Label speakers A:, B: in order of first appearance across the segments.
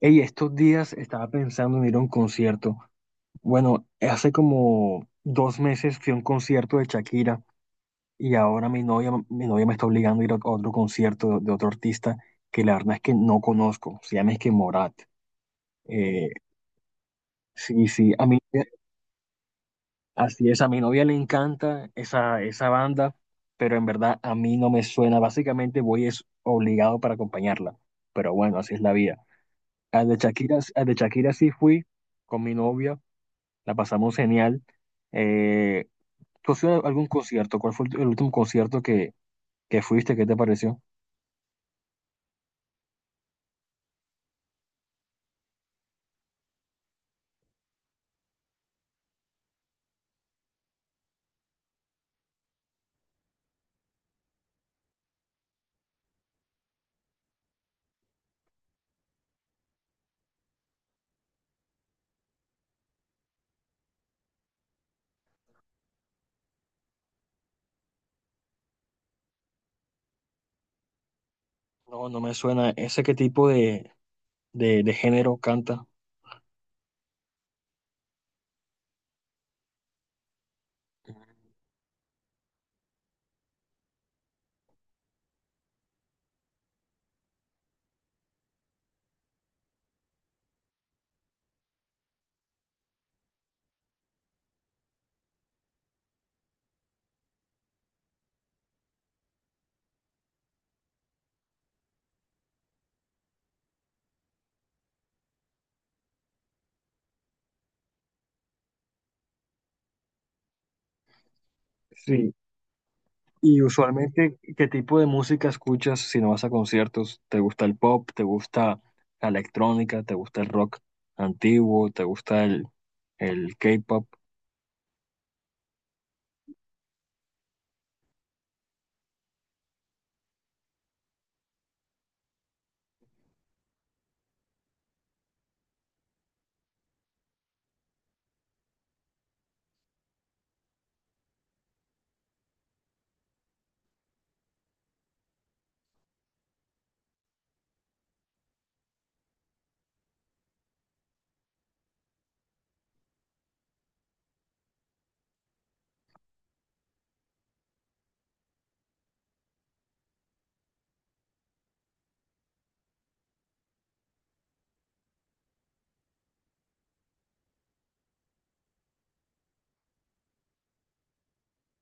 A: Hey, estos días estaba pensando en ir a un concierto. Bueno, hace como dos meses fui a un concierto de Shakira y ahora mi novia me está obligando a ir a otro concierto de otro artista que la verdad es que no conozco. Se llama es que Morat. Eh, sí, sí, a mí, así es, a mi novia le encanta esa banda, pero en verdad a mí no me suena. Básicamente voy es obligado para acompañarla, pero bueno, así es la vida. Al de Shakira sí fui con mi novia, la pasamos genial. Eh, ¿Tú has ido a algún concierto? ¿Cuál fue el último concierto que fuiste? ¿Qué te pareció? No, no me suena. ¿Ese qué tipo de género canta? Sí. Y usualmente, ¿qué tipo de música escuchas si no vas a conciertos? ¿Te gusta el pop? ¿Te gusta la electrónica? ¿Te gusta el rock antiguo? ¿Te gusta el K-pop?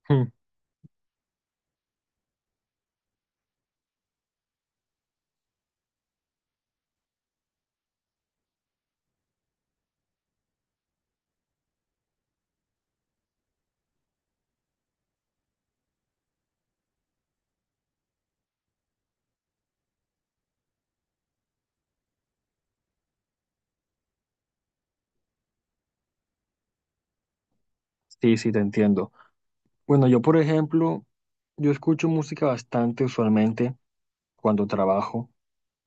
A: Hmm. Sí, sí, te entiendo. Bueno, yo, por ejemplo, yo escucho música bastante usualmente cuando trabajo.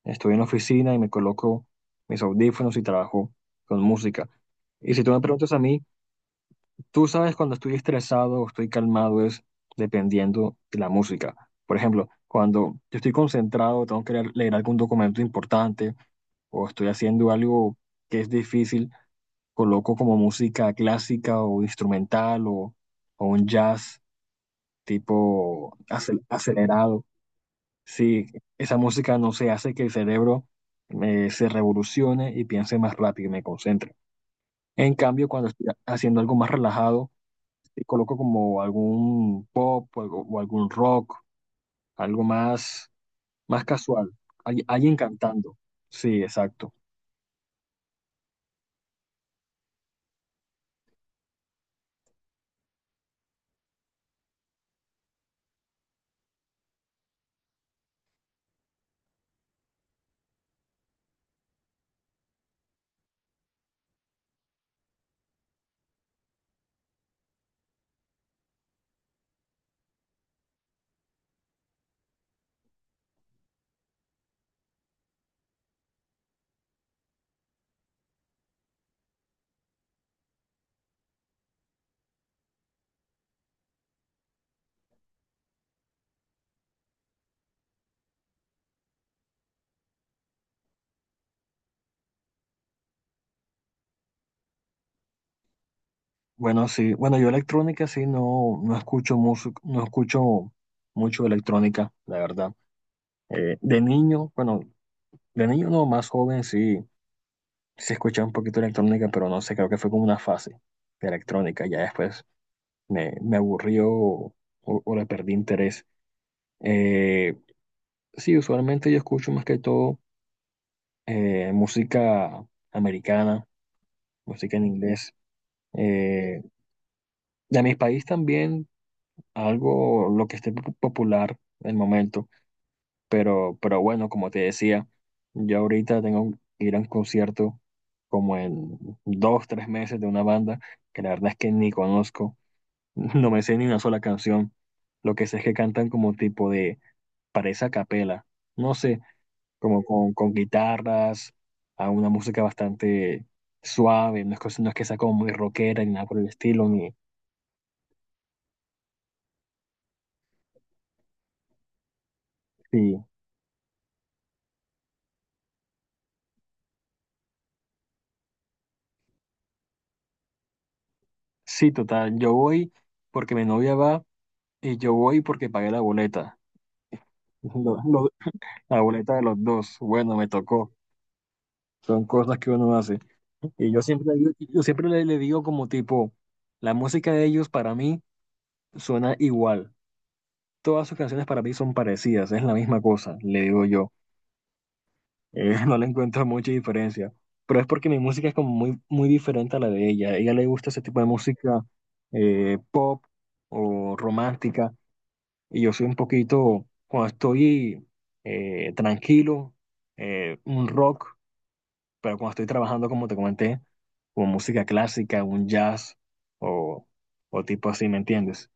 A: Estoy en la oficina y me coloco mis audífonos y trabajo con música. Y si tú me preguntas a mí, tú sabes cuando estoy estresado o estoy calmado es dependiendo de la música. Por ejemplo, cuando yo estoy concentrado, tengo que leer algún documento importante o estoy haciendo algo que es difícil, coloco como música clásica o instrumental o un jazz tipo acelerado, si esa música no se hace que el cerebro se revolucione y piense más rápido y me concentre. En cambio, cuando estoy haciendo algo más relajado, y coloco como algún pop o o algún rock, algo más, más casual, alguien cantando. Sí, exacto. Bueno, sí, bueno, yo electrónica sí no, no escucho música, no escucho mucho electrónica, la verdad. De niño, bueno, de niño no, más joven sí se escuchaba un poquito de electrónica, pero no sé, creo que fue como una fase de electrónica. Ya después me aburrió o le perdí interés. Eh, sí, usualmente yo escucho más que todo música americana, música en inglés. Eh, de mi país también algo, lo que esté popular en el momento. Pero bueno, como te decía, yo ahorita tengo que ir a un concierto como en dos, tres meses de una banda que la verdad es que ni conozco. No me sé ni una sola canción. Lo que sé es que cantan como tipo de, parece a capela. No sé, como con guitarras, a una música bastante suave. No es, no es que sea como muy rockera ni nada por el estilo. Ni, sí, sí, total. Yo voy porque mi novia va y yo voy porque pagué la boleta. Lo- lo- la boleta de los dos. Bueno, me tocó. Son cosas que uno hace. Y yo siempre, yo siempre le digo como tipo, la música de ellos para mí suena igual. Todas sus canciones para mí son parecidas, es la misma cosa, le digo yo. No le encuentro mucha diferencia, pero es porque mi música es como muy diferente a la de ella. A ella le gusta ese tipo de música pop o romántica, y yo soy un poquito, cuando estoy tranquilo, un rock, pero cuando estoy trabajando, como te comenté, como música clásica, un jazz o, o tipo así, ¿me entiendes?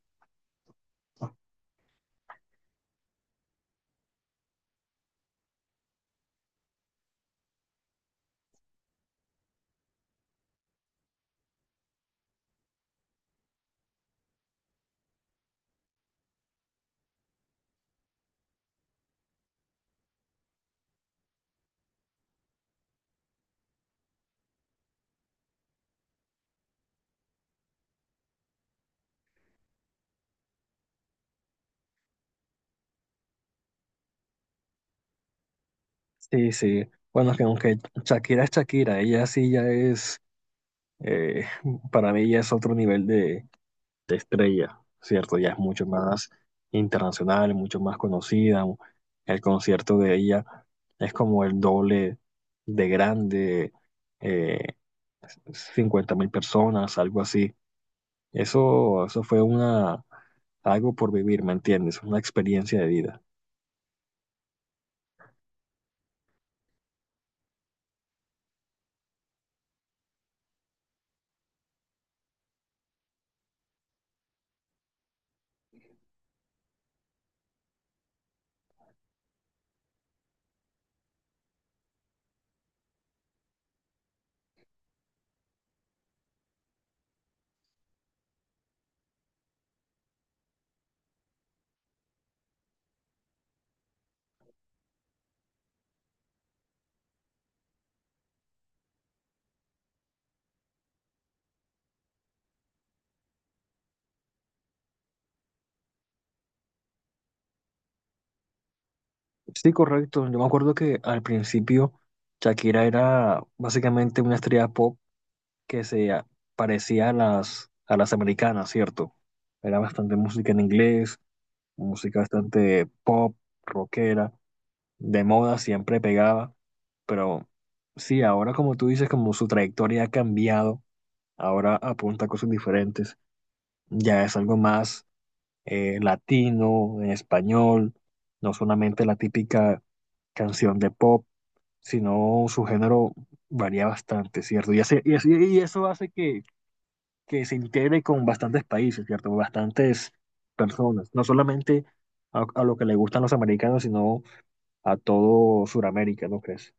A: Sí, sí. Bueno, que aunque Shakira es Shakira, ella sí ya es eh, para mí ya es otro nivel de estrella, ¿cierto? Ya es mucho más internacional, mucho más conocida. El concierto de ella es como el doble de grande, eh, 50 mil personas, algo así. Eso fue una, algo por vivir, ¿me entiendes? Una experiencia de vida. Sí, correcto. Yo me acuerdo que al principio Shakira era básicamente una estrella pop que se parecía a a las americanas, ¿cierto? Era bastante música en inglés, música bastante pop, rockera, de moda siempre pegaba, pero sí, ahora como tú dices, como su trayectoria ha cambiado, ahora apunta a cosas diferentes, ya es algo más latino, en español, no solamente la típica canción de pop, sino su género varía bastante, ¿cierto? Y eso hace que se integre con bastantes países, ¿cierto? Bastantes personas, no solamente a lo que le gustan los americanos, sino a todo Sudamérica, ¿no crees?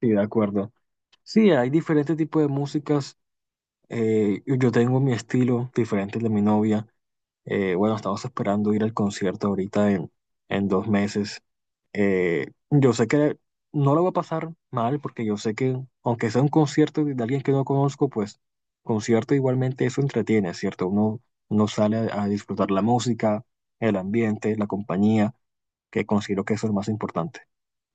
A: Sí, de acuerdo. Sí, hay diferentes tipos de músicas. Yo tengo mi estilo diferente al de mi novia. Bueno, estamos esperando ir al concierto ahorita en dos meses. Yo sé que no lo va a pasar mal porque yo sé que aunque sea un concierto de alguien que no conozco, pues concierto igualmente eso entretiene, ¿cierto? Uno, uno sale a disfrutar la música, el ambiente, la compañía, que considero que eso es lo más importante.